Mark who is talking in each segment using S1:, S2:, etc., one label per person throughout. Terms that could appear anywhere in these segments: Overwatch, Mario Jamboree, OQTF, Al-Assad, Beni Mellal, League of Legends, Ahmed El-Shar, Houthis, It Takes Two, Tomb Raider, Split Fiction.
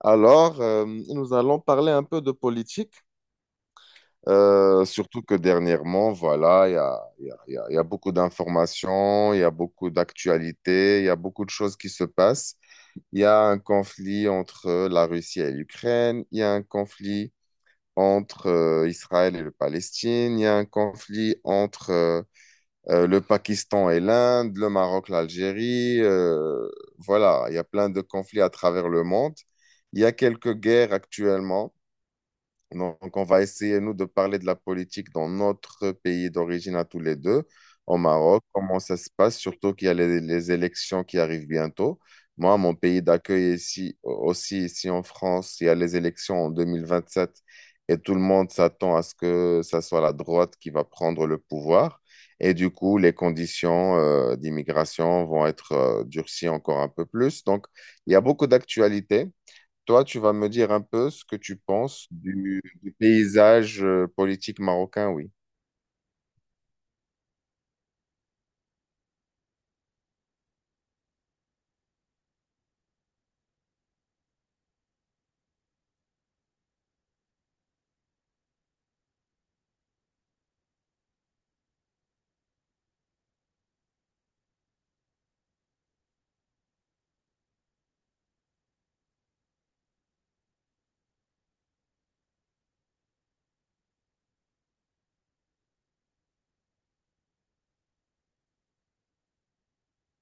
S1: Nous allons parler un peu de politique, surtout que dernièrement, voilà, il y a, il y a- il y a- il y a beaucoup d'informations, il y a beaucoup d'actualités, il y a beaucoup de choses qui se passent. Il y a un conflit entre la Russie et l'Ukraine, il y a un conflit entre Israël et le Palestine, il y a un conflit entre le Pakistan et l'Inde, le Maroc, l'Algérie, voilà, il y a plein de conflits à travers le monde. Il y a quelques guerres actuellement. Donc, on va essayer, nous, de parler de la politique dans notre pays d'origine à tous les deux, au Maroc, comment ça se passe, surtout qu'il y a les élections qui arrivent bientôt. Moi, mon pays d'accueil ici, aussi ici en France, il y a les élections en 2027 et tout le monde s'attend à ce que ça soit la droite qui va prendre le pouvoir. Et du coup, les conditions d'immigration vont être durcies encore un peu plus. Donc, il y a beaucoup d'actualités. Toi, tu vas me dire un peu ce que tu penses du paysage politique marocain, oui.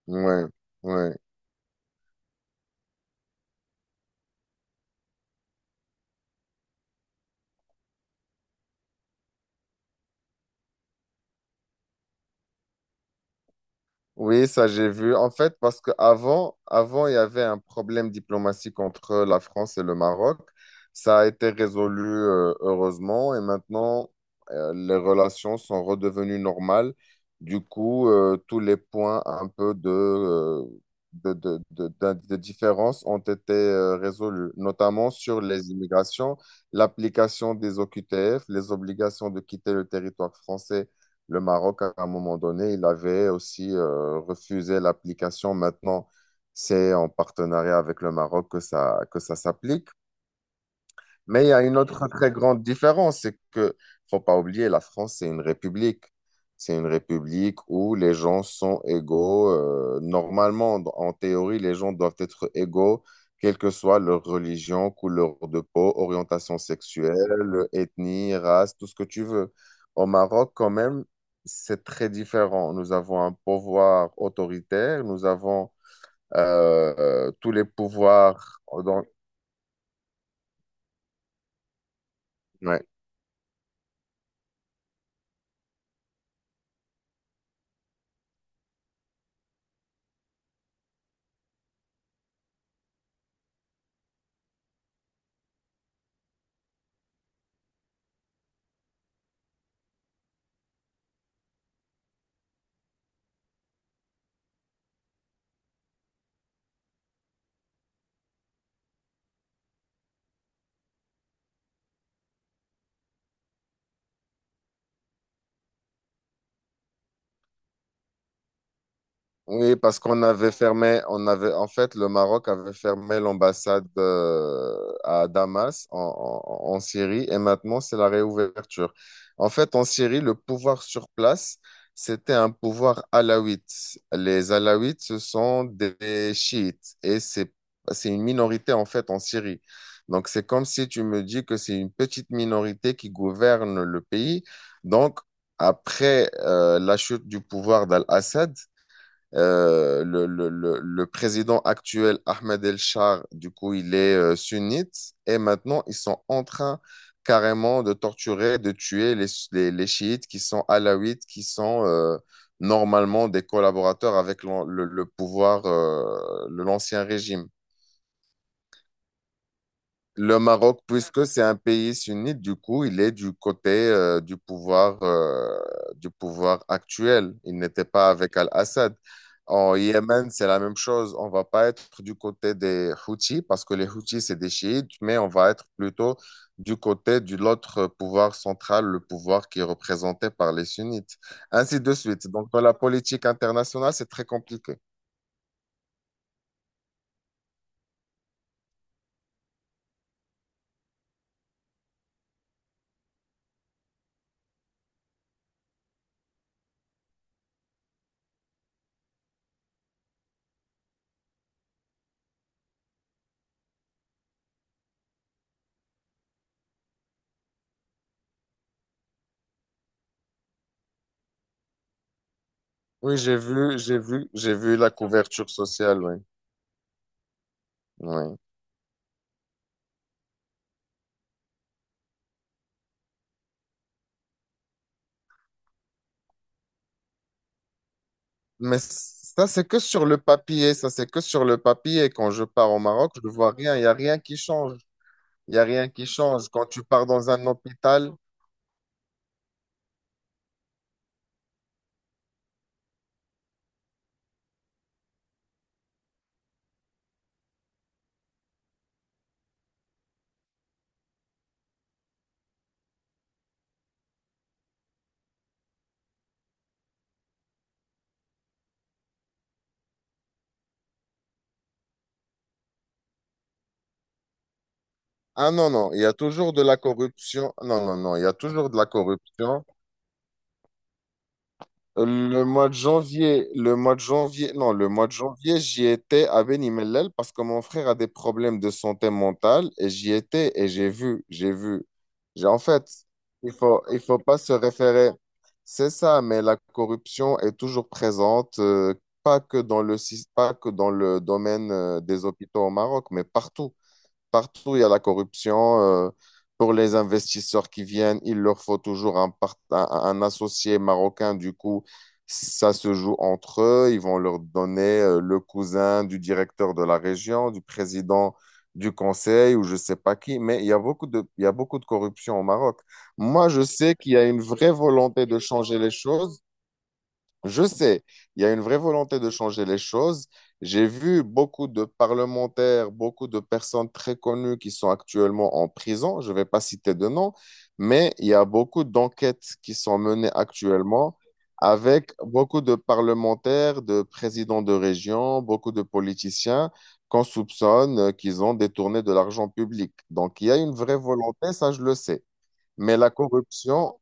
S1: Ouais, ouais. Oui, ça j'ai vu. En fait, parce qu'avant il y avait un problème diplomatique entre la France et le Maroc. Ça a été résolu, heureusement, et maintenant, les relations sont redevenues normales. Du coup, tous les points un peu de différence ont été résolus, notamment sur les immigrations, l'application des OQTF, les obligations de quitter le territoire français. Le Maroc, à un moment donné, il avait aussi refusé l'application. Maintenant, c'est en partenariat avec le Maroc que ça s'applique. Mais il y a une autre très grande différence, c'est que faut pas oublier, la France, c'est une république. C'est une république où les gens sont égaux. Normalement, en théorie, les gens doivent être égaux, quelle que soit leur religion, couleur de peau, orientation sexuelle, ethnie, race, tout ce que tu veux. Au Maroc, quand même, c'est très différent. Nous avons un pouvoir autoritaire, nous avons tous les pouvoirs. Ouais. Oui, parce qu'on avait fermé, on avait, en fait, le Maroc avait fermé l'ambassade à Damas, en Syrie, et maintenant c'est la réouverture. En fait, en Syrie, le pouvoir sur place, c'était un pouvoir alawite. Les alawites, ce sont des chiites, et c'est une minorité, en fait, en Syrie. Donc, c'est comme si tu me dis que c'est une petite minorité qui gouverne le pays. Donc, après la chute du pouvoir d'Al-Assad, le président actuel, Ahmed El-Shar, du coup, il est sunnite. Et maintenant, ils sont en train carrément de torturer, de tuer les chiites qui sont alaouites, qui sont normalement des collaborateurs avec le pouvoir, l'ancien régime. Le Maroc, puisque c'est un pays sunnite, du coup, il est du côté du pouvoir actuel. Il n'était pas avec Al-Assad. En Yémen, c'est la même chose. On va pas être du côté des Houthis, parce que les Houthis, c'est des chiites, mais on va être plutôt du côté de l'autre pouvoir central, le pouvoir qui est représenté par les sunnites. Ainsi de suite. Donc, dans la politique internationale, c'est très compliqué. Oui, j'ai vu la couverture sociale, oui. Oui. Mais ça, c'est que sur le papier, ça, c'est que sur le papier. Quand je pars au Maroc, je ne vois rien, il n'y a rien qui change. Il n'y a rien qui change. Quand tu pars dans un hôpital, ah non, non, il y a toujours de la corruption. Non, non, non, il y a toujours de la corruption. Le mois de janvier, le mois de janvier, non, le mois de janvier, j'y étais à Beni Mellel parce que mon frère a des problèmes de santé mentale et j'y étais et j'ai vu. J'ai, en fait, il faut pas se référer. C'est ça, mais la corruption est toujours présente, pas que pas que dans le domaine, des hôpitaux au Maroc, mais partout. Partout, il y a la corruption. Pour les investisseurs qui viennent, il leur faut toujours un associé marocain. Du coup, ça se joue entre eux. Ils vont leur donner le cousin du directeur de la région, du président du conseil ou je sais pas qui. Mais il y a beaucoup de corruption au Maroc. Moi, je sais qu'il y a une vraie volonté de changer les choses. Je sais, il y a une vraie volonté de changer les choses. J'ai vu beaucoup de parlementaires, beaucoup de personnes très connues qui sont actuellement en prison. Je ne vais pas citer de nom, mais il y a beaucoup d'enquêtes qui sont menées actuellement avec beaucoup de parlementaires, de présidents de région, beaucoup de politiciens qu'on soupçonne qu'ils ont détourné de l'argent public. Donc, il y a une vraie volonté, ça je le sais. Mais la corruption,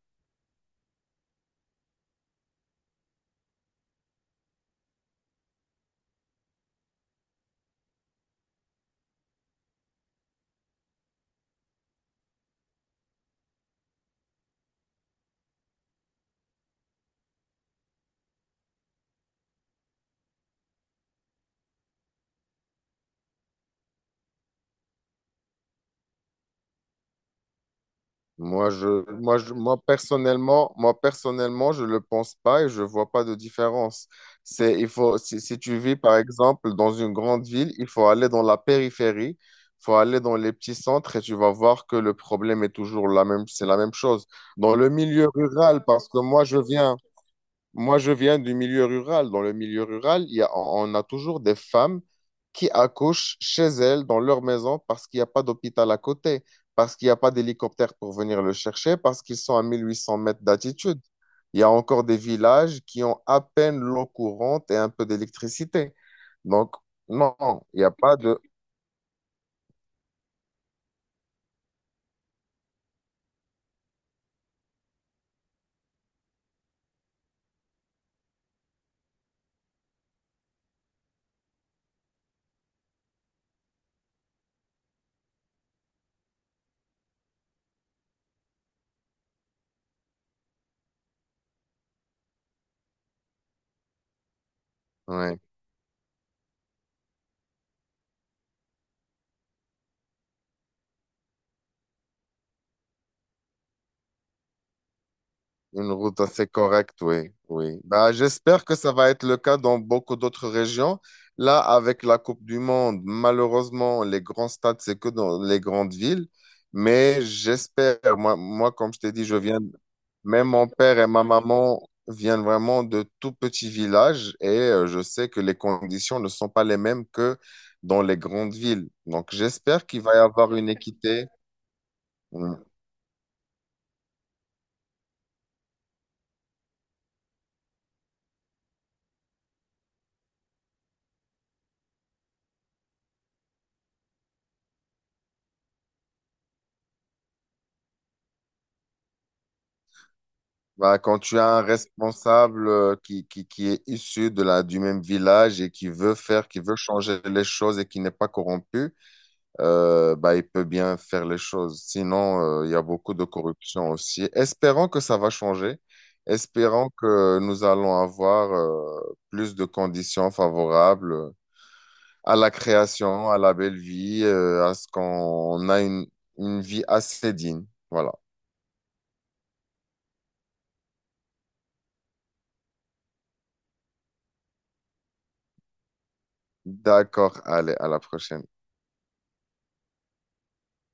S1: Moi, je, moi, je, moi, personnellement, je le pense pas et je vois pas de différence. Il faut, si tu vis, par exemple, dans une grande ville, il faut aller dans la périphérie, il faut aller dans les petits centres et tu vas voir que le problème est toujours la même, c'est la même chose. Dans le milieu rural, parce que moi, je viens du milieu rural. Dans le milieu rural, on a toujours des femmes qui accouchent chez elles, dans leur maison, parce qu'il n'y a pas d'hôpital à côté, parce qu'il n'y a pas d'hélicoptère pour venir le chercher, parce qu'ils sont à 1 800 mètres d'altitude. Il y a encore des villages qui ont à peine l'eau courante et un peu d'électricité. Donc, non, il n'y a pas de... Ouais. Une route assez correcte, oui, oui. Bah, j'espère que ça va être le cas dans beaucoup d'autres régions. Là, avec la Coupe du Monde, malheureusement, les grands stades, c'est que dans les grandes villes. Mais j'espère, comme je t'ai dit, même mon père et ma maman viennent vraiment de tout petits villages et je sais que les conditions ne sont pas les mêmes que dans les grandes villes. Donc, j'espère qu'il va y avoir une équité. Mm. Bah, quand tu as un responsable qui est issu de la, du même village et qui veut faire, qui veut changer les choses et qui n'est pas corrompu, bah, il peut bien faire les choses. Sinon, il y a beaucoup de corruption aussi. Espérons que ça va changer. Espérons que nous allons avoir plus de conditions favorables à la création, à la belle vie, à ce qu'on une vie assez digne. Voilà. D'accord. Allez, à la prochaine.